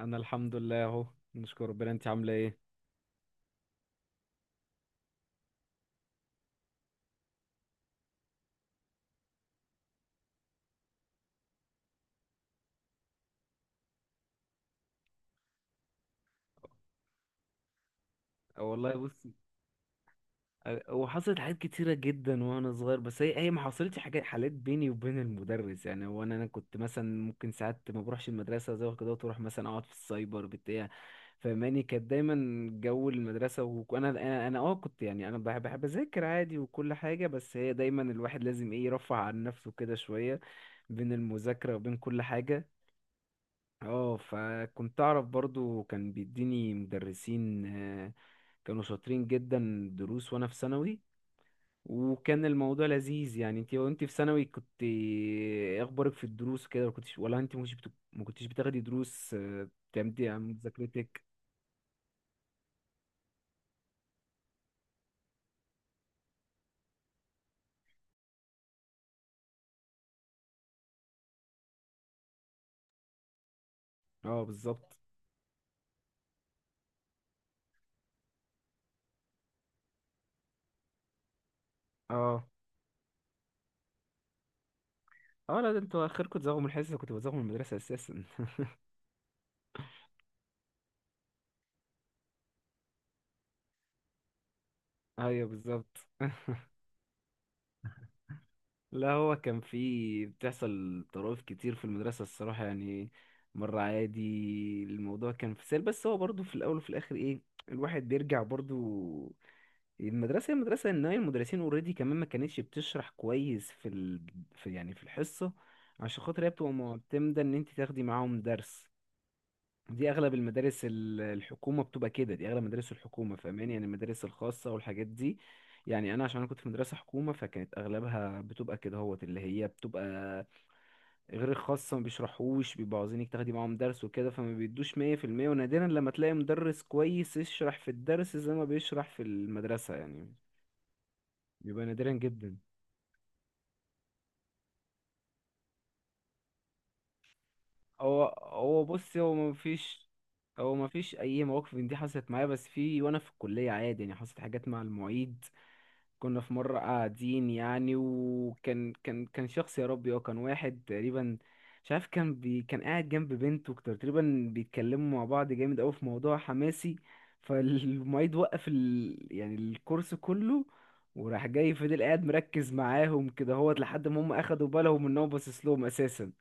انا الحمد لله اهو. نشكر ربنا. انت عامله ايه؟ أه والله، بصي. أه، هو حصلت حاجات كتيره جدا وانا صغير، بس هي ما حصلتش حالات بيني وبين المدرس. يعني هو انا كنت مثلا ممكن ساعات ما بروحش المدرسه زي كده، وتروح مثلا اقعد في السايبر بتاع. فماني كانت دايما جو المدرسه، وانا انا انا اه كنت، يعني انا بحب اذاكر عادي وكل حاجه. بس هي دايما الواحد لازم ايه، يرفع عن نفسه كده شويه بين المذاكره وبين كل حاجه. اه، فكنت اعرف برضو. كان بيديني مدرسين كانوا شاطرين جدا دروس وانا في ثانوي، وكان الموضوع لذيذ. يعني انت، وانت في ثانوي، كنت ايه اخبارك في الدروس كده؟ ما كنتش، ولا انت مش بت... ما كنتش بتاخدي دروس بتعمدي عن مذاكرتك؟ اه بالظبط. اه، اه، لا، ده انتوا اخركم تزوغوا من الحصه، كنت بزوغ من المدرسه اساسا. ايوه بالظبط. لا، هو كان في بتحصل طرائف كتير في المدرسة الصراحة يعني. مرة عادي، الموضوع كان في سهل، بس هو برضو في الأول وفي الآخر إيه، الواحد بيرجع برضو المدرسة. هي المدرسة، إن هي المدرسين اوريدي كمان ما كانتش بتشرح كويس في في يعني في الحصة، عشان خاطر هي بتبقى معتمدة إن أنت تاخدي معاهم درس. دي اغلب المدارس الحكومه بتبقى كده، دي اغلب مدارس الحكومه، فاهماني؟ يعني المدارس الخاصه والحاجات دي، يعني انا عشان انا كنت في مدرسه حكومه فكانت اغلبها بتبقى كده هوت. اللي هي بتبقى غير الخاصه ما بيشرحوش، بيبقوا عاوزينك تاخدي معاهم درس وكده، فما بيدوش 100%. ونادرا لما تلاقي مدرس كويس يشرح في الدرس زي ما بيشرح في المدرسه يعني. بيبقى نادرا جدا. هو بص، هو ما فيش اي مواقف من دي حصلت معايا. بس في، وانا في الكليه عادي يعني، حصلت حاجات مع المعيد. كنا في مرة قاعدين يعني، وكان كان كان شخص يا ربي، هو كان واحد تقريبا، مش عارف، كان كان قاعد جنب بنته، تقريبا بيتكلموا مع بعض جامد قوي في موضوع حماسي. فالمعيد وقف يعني الكورس كله، وراح جاي، فضل قاعد مركز معاهم كده هوت لحد ما هم اخدوا بالهم ان هو باصص لهم اساسا.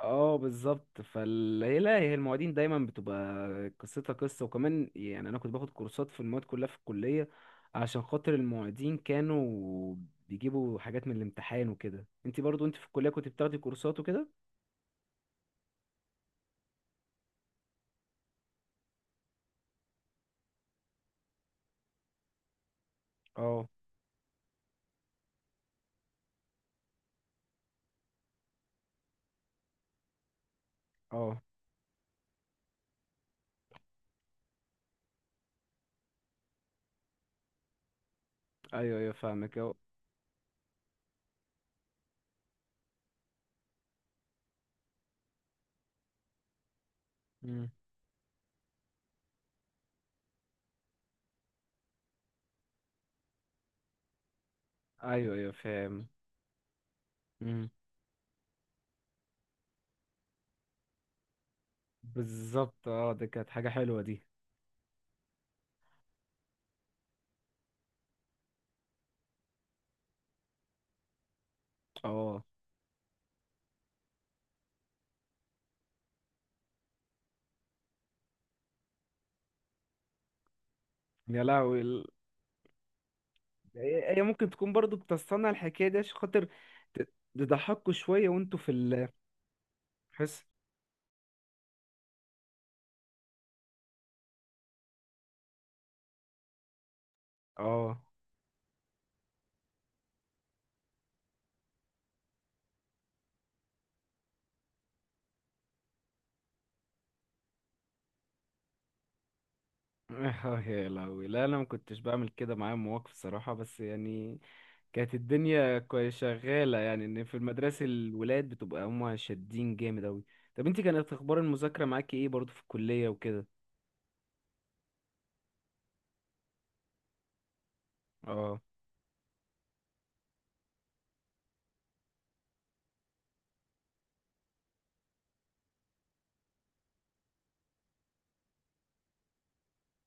اه بالظبط. لا، هي المواعيد دايما بتبقى قصتها قصه، وكمان يعني انا كنت باخد كورسات في المواد كلها في الكليه، عشان خاطر المعيدين كانوا بيجيبوا حاجات من الامتحان وكده. انت برضو، انت في الكليه كنت بتاخدي كورسات وكده؟ اه اه. ايوه ايوه فاهمك اهو. مم. ايوه ايوه فاهم. مم. بالظبط، اه دي كانت حاجه حلوه دي. اه، يا لهوي. هي ممكن تكون برضو بتصنع الحكايه دي عشان خاطر ت- تضحكوا شويه وانتوا في ال حس. اه. يا لهوي، لا انا ما كنتش بعمل كده، معايا مواقف صراحه بس يعني كانت الدنيا كوي شغاله، يعني ان في المدرسه الولاد بتبقى هما شادين جامد اوي. طب انت كانت اخبار المذاكره معاكي ايه برضو في الكليه وكده؟ اه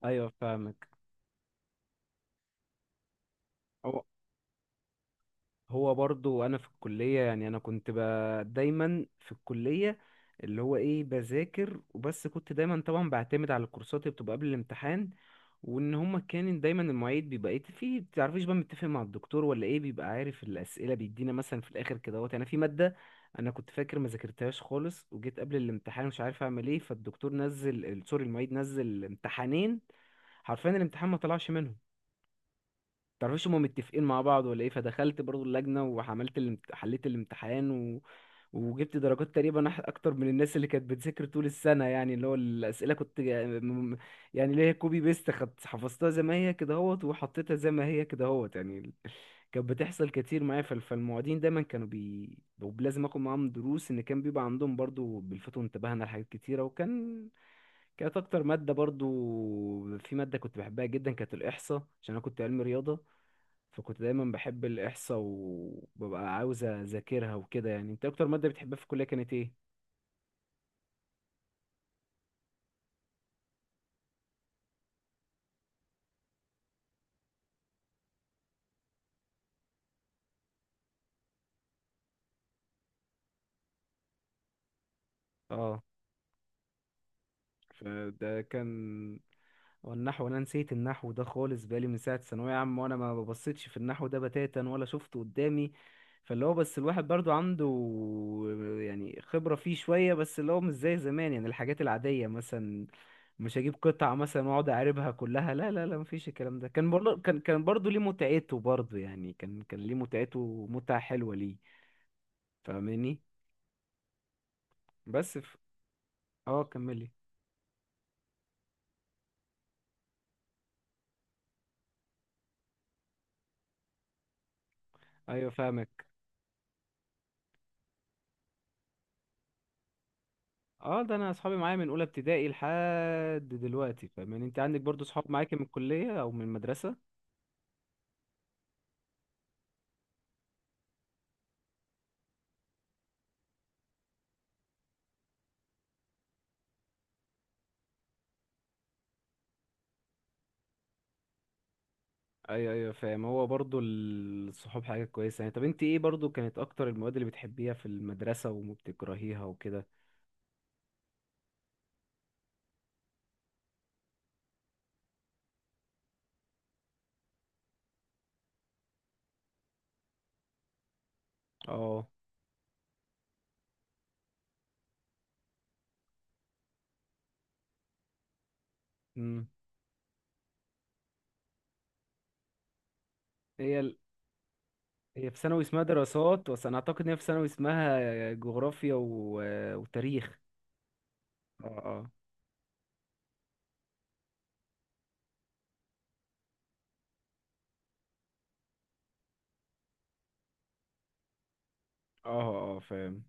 ايوه فاهمك. هو هو برضو انا في الكليه، يعني انا كنت. دايما في الكليه اللي هو ايه، بذاكر وبس. كنت دايما طبعا بعتمد على الكورسات اللي بتبقى قبل الامتحان، وان هما كان دايما المعيد بيبقى ايه في، بتعرفيش بقى متفق مع الدكتور ولا ايه، بيبقى عارف الاسئله بيدينا مثلا في الاخر كده اهوت. يعني في ماده انا كنت فاكر ما ذاكرتهاش خالص، وجيت قبل الامتحان مش عارف اعمل ايه، فالدكتور نزل سوري المعيد نزل امتحانين. حرفيا الامتحان ما طلعش منهم، تعرفش هما متفقين مع بعض ولا ايه. فدخلت برضو اللجنة وعملت حليت الامتحان. وجبت درجات تقريبا اكتر من الناس اللي كانت بتذاكر طول السنة. يعني اللي هو الأسئلة كنت. يعني اللي هي كوبي بيست، خدت حفظتها زي ما هي كده اهوت، وحطيتها زي ما هي كده اهوت. يعني. كانت بتحصل كتير معايا. فالمعيدين دايما كانوا ولازم اخد معاهم دروس، ان كان بيبقى عندهم برضو بيلفتوا انتباهنا لحاجات كتيرة. وكان كانت اكتر مادة برضو، في مادة كنت بحبها جدا كانت الإحصاء، عشان انا كنت علمي رياضة. فكنت دايما بحب الإحصاء وببقى عاوز أذاكرها وكده. يعني أنت أكتر مادة بتحبها في الكلية كانت إيه؟ اه، فده كان. هو النحو، انا نسيت النحو ده خالص، بقالي من ساعه ثانويه عامه وانا ما ببصيتش في النحو ده بتاتا ولا شفته قدامي. فاللي هو بس الواحد برضو عنده يعني خبره فيه شويه، بس اللي هو مش زي زمان. يعني الحاجات العاديه مثلا، مش هجيب قطعه مثلا واقعد اعربها كلها، لا لا لا، مفيش الكلام ده. كان برضو كان برضو ليه متعته برضو، يعني كان ليه متعته، متعه حلوه ليه. فاهماني؟ بس. اه كملي. ايوه فاهمك. اه، ده انا اصحابي معايا من اولى ابتدائي لحد دلوقتي، فاهم؟ يعني انت عندك برضو صحاب معاك من الكليه او من المدرسه؟ ايوه ايوه فاهم. هو برضو الصحاب حاجه كويسه يعني. طب انت ايه برضو كانت اكتر المواد اللي بتحبيها في المدرسه وما بتكرهيها وكده؟ اه. امم هي ال... هي في ثانوي اسمها دراسات، بس انا اعتقد ان هي في ثانوي اسمها جغرافيا وتاريخ. اه اه اه. اه فاهم.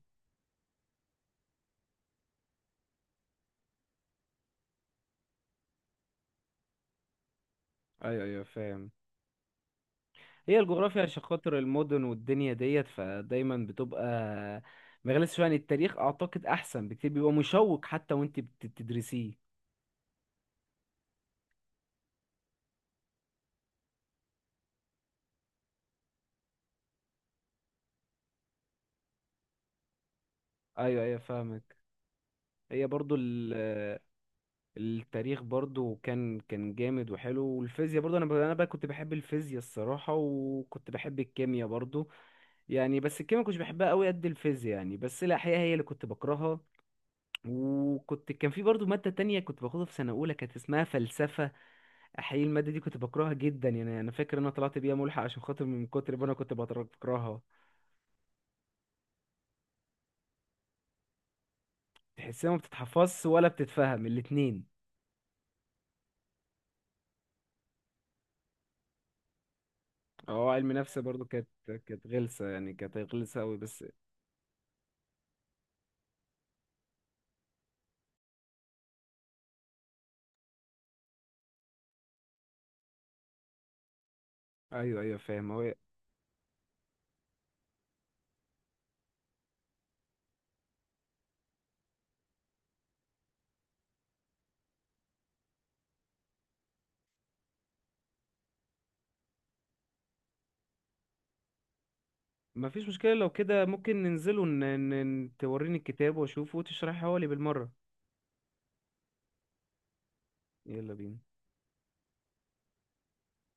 ايوه ايوه فاهم. هي الجغرافيا عشان خاطر المدن والدنيا ديت، فدايما بتبقى مغالية شوية. عن التاريخ أعتقد أحسن بكتير، بيبقى مشوق حتى وأنت بتدرسيه. أيوه أيوه فاهمك. هي برضو التاريخ برضو كان جامد وحلو. والفيزياء برضو، أنا أنا بقى كنت بحب الفيزياء الصراحة، وكنت بحب الكيمياء برضو يعني. بس الكيمياء كنتش بحبها قوي قد الفيزياء يعني، بس الأحياء هي اللي كنت بكرهها. وكنت كان في برضو مادة تانية كنت باخدها في سنة أولى كانت اسمها فلسفة. حقيقي المادة دي كنت بكرهها جدا، يعني أنا فاكر إن أنا طلعت بيها ملحق عشان خاطر من كتر ما أنا كنت بكرهها. تحسها ما بتتحفظش ولا بتتفهم، الاتنين. أه علم نفس برضو، كانت غلسة يعني، كانت غلسة أوي بس. أيوه أيوه فاهم. هو ما فيش مشكلة لو كده، ممكن ننزل توريني الكتاب وأشوفه وتشرحه لي بالمرة. يلا بينا.